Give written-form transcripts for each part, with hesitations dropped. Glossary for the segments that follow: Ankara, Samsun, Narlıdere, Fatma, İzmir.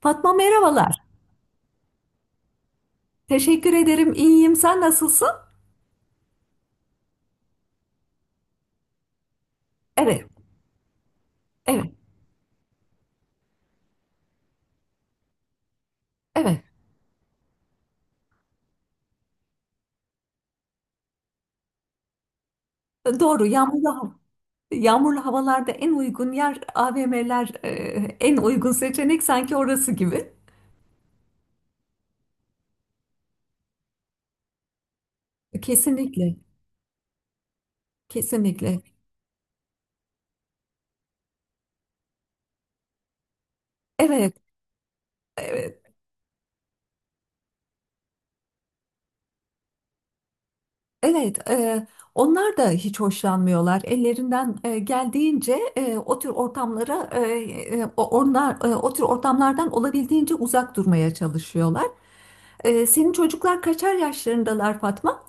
Fatma merhabalar. Teşekkür ederim. İyiyim. Sen nasılsın? Evet, evet, evet. Doğru. Yağmurlu hava. Yağmurlu havalarda en uygun yer AVM'ler, en uygun seçenek sanki orası gibi. Kesinlikle, kesinlikle. Evet, evet, evet. Onlar da hiç hoşlanmıyorlar. Ellerinden geldiğince o tür ortamlara, onlar o tür ortamlardan olabildiğince uzak durmaya çalışıyorlar. E, senin çocuklar kaçar yaşlarındalar Fatma?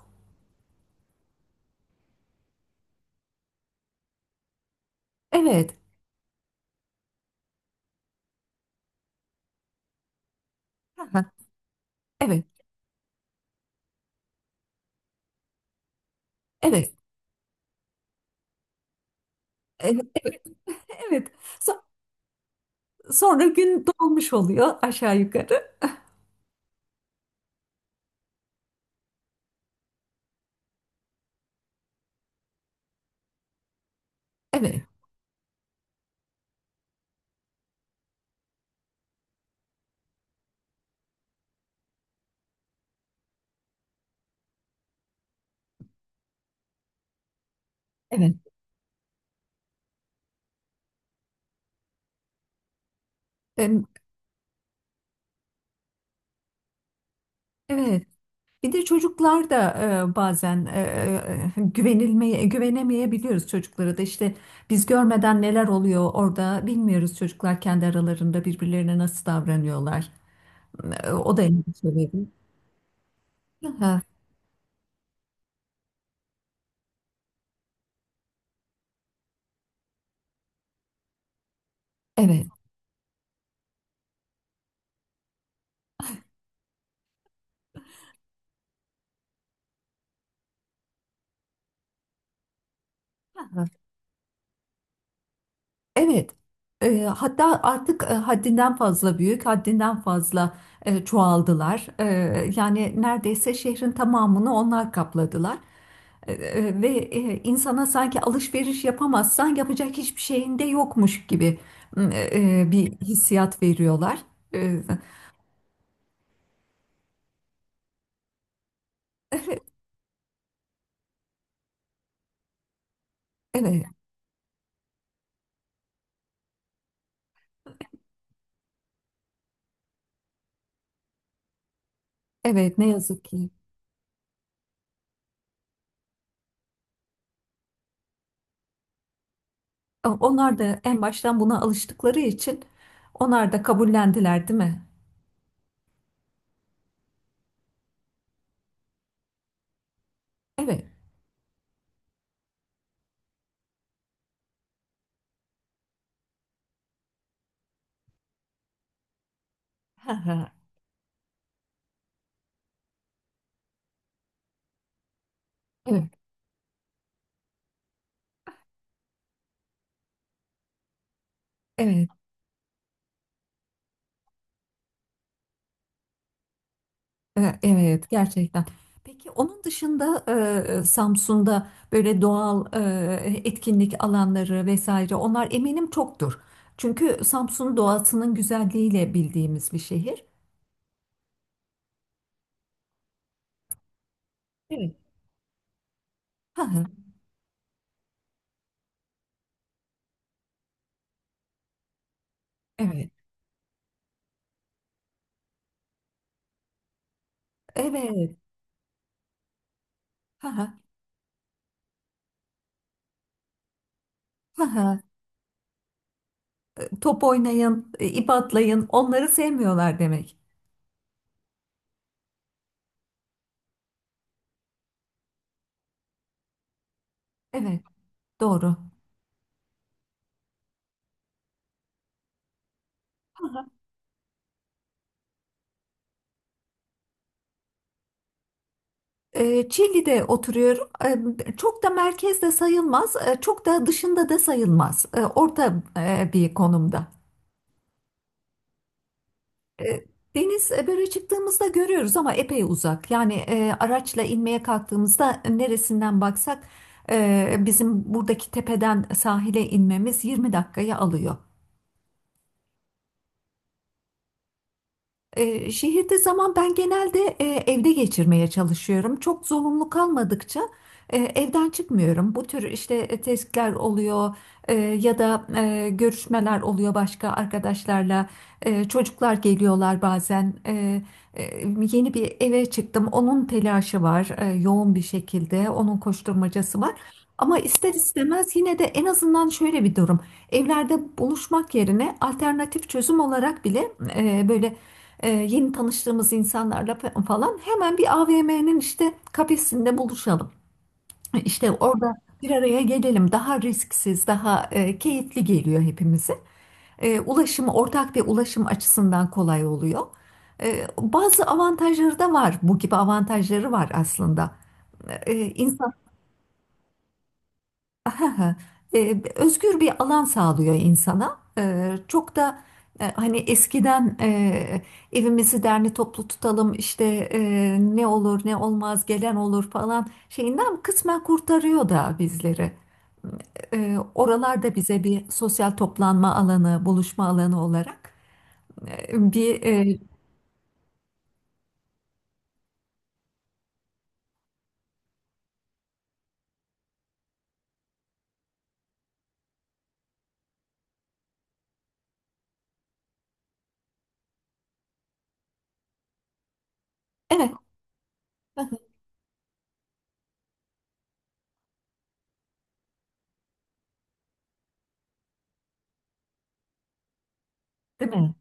Evet. Aha, evet. Evet. Evet. Evet. Evet. So- Sonra gün dolmuş oluyor aşağı yukarı. Evet. Evet. Em, Evet. Bir de çocuklar da e, bazen e, güvenilmeye güvenemeyebiliyoruz çocuklara da işte biz görmeden neler oluyor orada bilmiyoruz çocuklar kendi aralarında birbirlerine nasıl davranıyorlar. E, o da endişe verici. Aha, evet. Evet. E, hatta artık haddinden fazla büyük, haddinden fazla çoğaldılar. E, yani neredeyse şehrin tamamını onlar kapladılar. Ve insana sanki alışveriş yapamazsan yapacak hiçbir şeyin de yokmuş gibi e, bir hissiyat veriyorlar. E, evet, evet ne yazık ki. E, onlar da en baştan buna alıştıkları için onlar da kabullendiler, değil mi? Evet. Evet. Evet. E, evet, gerçekten. Peki onun dışında Samsun'da böyle doğal etkinlik alanları vesaire onlar eminim çoktur. Çünkü Samsun doğasının güzelliğiyle bildiğimiz bir şehir. Evet. Ha, ha, evet, evet. Ha, ha, ha, ha. Top oynayın, ip atlayın. Onları sevmiyorlar demek. Evet, doğru. E, Çilli'de oturuyorum. E, çok da merkezde sayılmaz, e, çok da dışında da sayılmaz. E, orta bir konumda. E, deniz böyle çıktığımızda görüyoruz ama epey uzak. Yani araçla inmeye kalktığımızda neresinden baksak bizim buradaki tepeden sahile inmemiz 20 dakikayı alıyor. Şehirde zaman ben genelde evde geçirmeye çalışıyorum. Çok zorunlu kalmadıkça evden çıkmıyorum. Bu tür işte testler oluyor ya da görüşmeler oluyor başka arkadaşlarla. E, çocuklar geliyorlar bazen. E, Yeni bir eve çıktım. Onun telaşı var yoğun bir şekilde. Onun koşturmacası var. Ama ister istemez yine de en azından şöyle bir durum. Evlerde buluşmak yerine alternatif çözüm olarak bile böyle yeni tanıştığımız insanlarla falan hemen bir AVM'nin işte kafesinde buluşalım. İşte orada bir araya gelelim. Daha risksiz, daha keyifli geliyor hepimize. E, ulaşım ortak ve ulaşım açısından kolay oluyor. E, bazı avantajları da var. Bu gibi avantajları var aslında. E, ha, özgür bir alan sağlıyor insana. E, çok da hani eskiden evimizi derli toplu tutalım işte ne olur ne olmaz gelen olur falan şeyinden kısmen kurtarıyor da bizleri. E, oralar bize bir sosyal toplanma alanı, buluşma alanı olarak e, bir e, evet. Değil mi?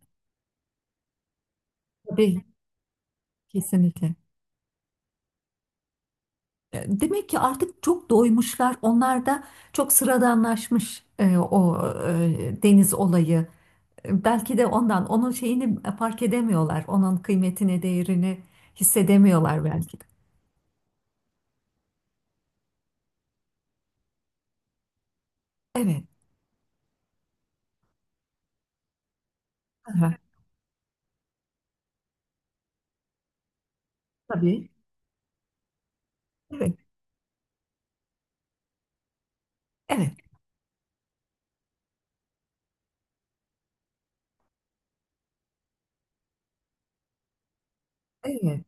Tabii kesinlikle. E, demek ki artık çok doymuşlar. Onlar da çok sıradanlaşmış o deniz olayı. E, belki de ondan onun şeyini fark edemiyorlar. Onun kıymetini, değerini hissedemiyorlar belki de. Evet. Aha, tabii. Evet. Evet. Evet.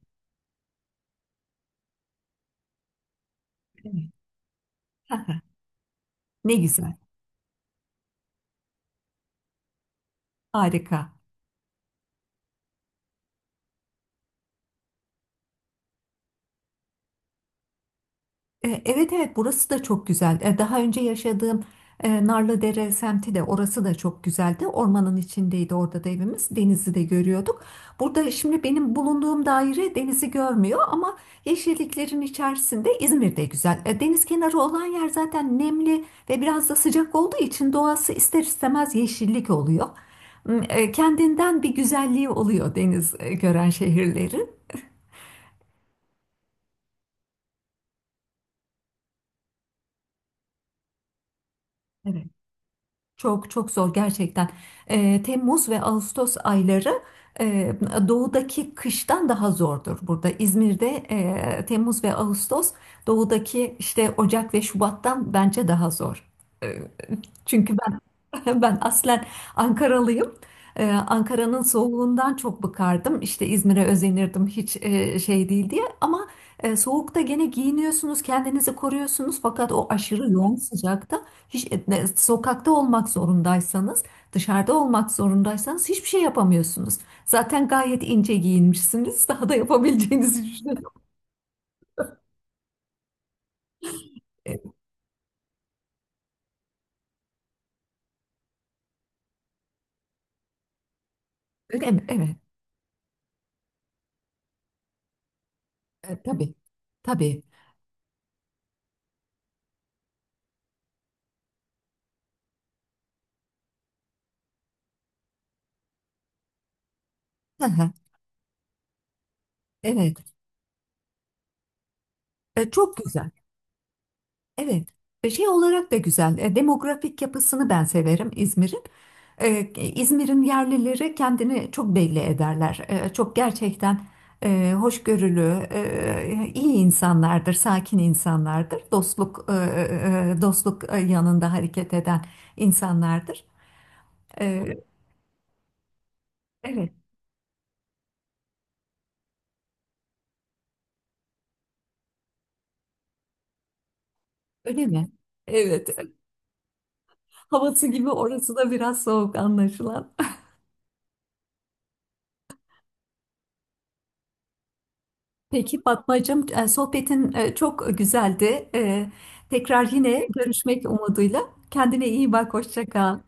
Evet. Aha, ne güzel. Harika. E, evet evet burası da çok güzel. E, daha önce yaşadığım Narlıdere semti de orası da çok güzeldi. Ormanın içindeydi orada da evimiz. Denizi de görüyorduk. Burada şimdi benim bulunduğum daire denizi görmüyor ama yeşilliklerin içerisinde İzmir de güzel. E, deniz kenarı olan yer zaten nemli ve biraz da sıcak olduğu için doğası ister istemez yeşillik oluyor. Kendinden bir güzelliği oluyor deniz gören şehirlerin. Evet. Çok çok zor gerçekten. Temmuz ve Ağustos ayları eee, doğudaki kıştan daha zordur burada. İzmir'de Temmuz ve Ağustos doğudaki işte Ocak ve Şubat'tan bence daha zor. Eee, Çünkü ben aslen Ankaralıyım. Ankara'nın soğuğundan çok bıkardım. İşte İzmir'e özenirdim hiç şey değil diye. Ama soğukta gene giyiniyorsunuz, kendinizi koruyorsunuz. Fakat o aşırı yoğun sıcakta hiç sokakta olmak zorundaysanız, dışarıda olmak zorundaysanız hiçbir şey yapamıyorsunuz. Zaten gayet ince giyinmişsiniz. Daha da yapabileceğinizi düşünüyorum. E, öyle mi? Evet. E, tabii. Tabii. Hı hı. Evet. E, çok güzel. Evet. E, şey olarak da güzel. E, demografik yapısını ben severim İzmir'in. E, İzmir'in yerlileri kendini çok belli ederler. E, çok gerçekten hoşgörülü, iyi insanlardır, sakin insanlardır. Dostluk dostluk yanında hareket eden insanlardır. E, evet, öyle mi? Evet, havası gibi orası da biraz soğuk anlaşılan. Peki Fatmacığım, sohbetin çok güzeldi. E, tekrar yine görüşmek umuduyla. Kendine iyi bak, hoşça kal.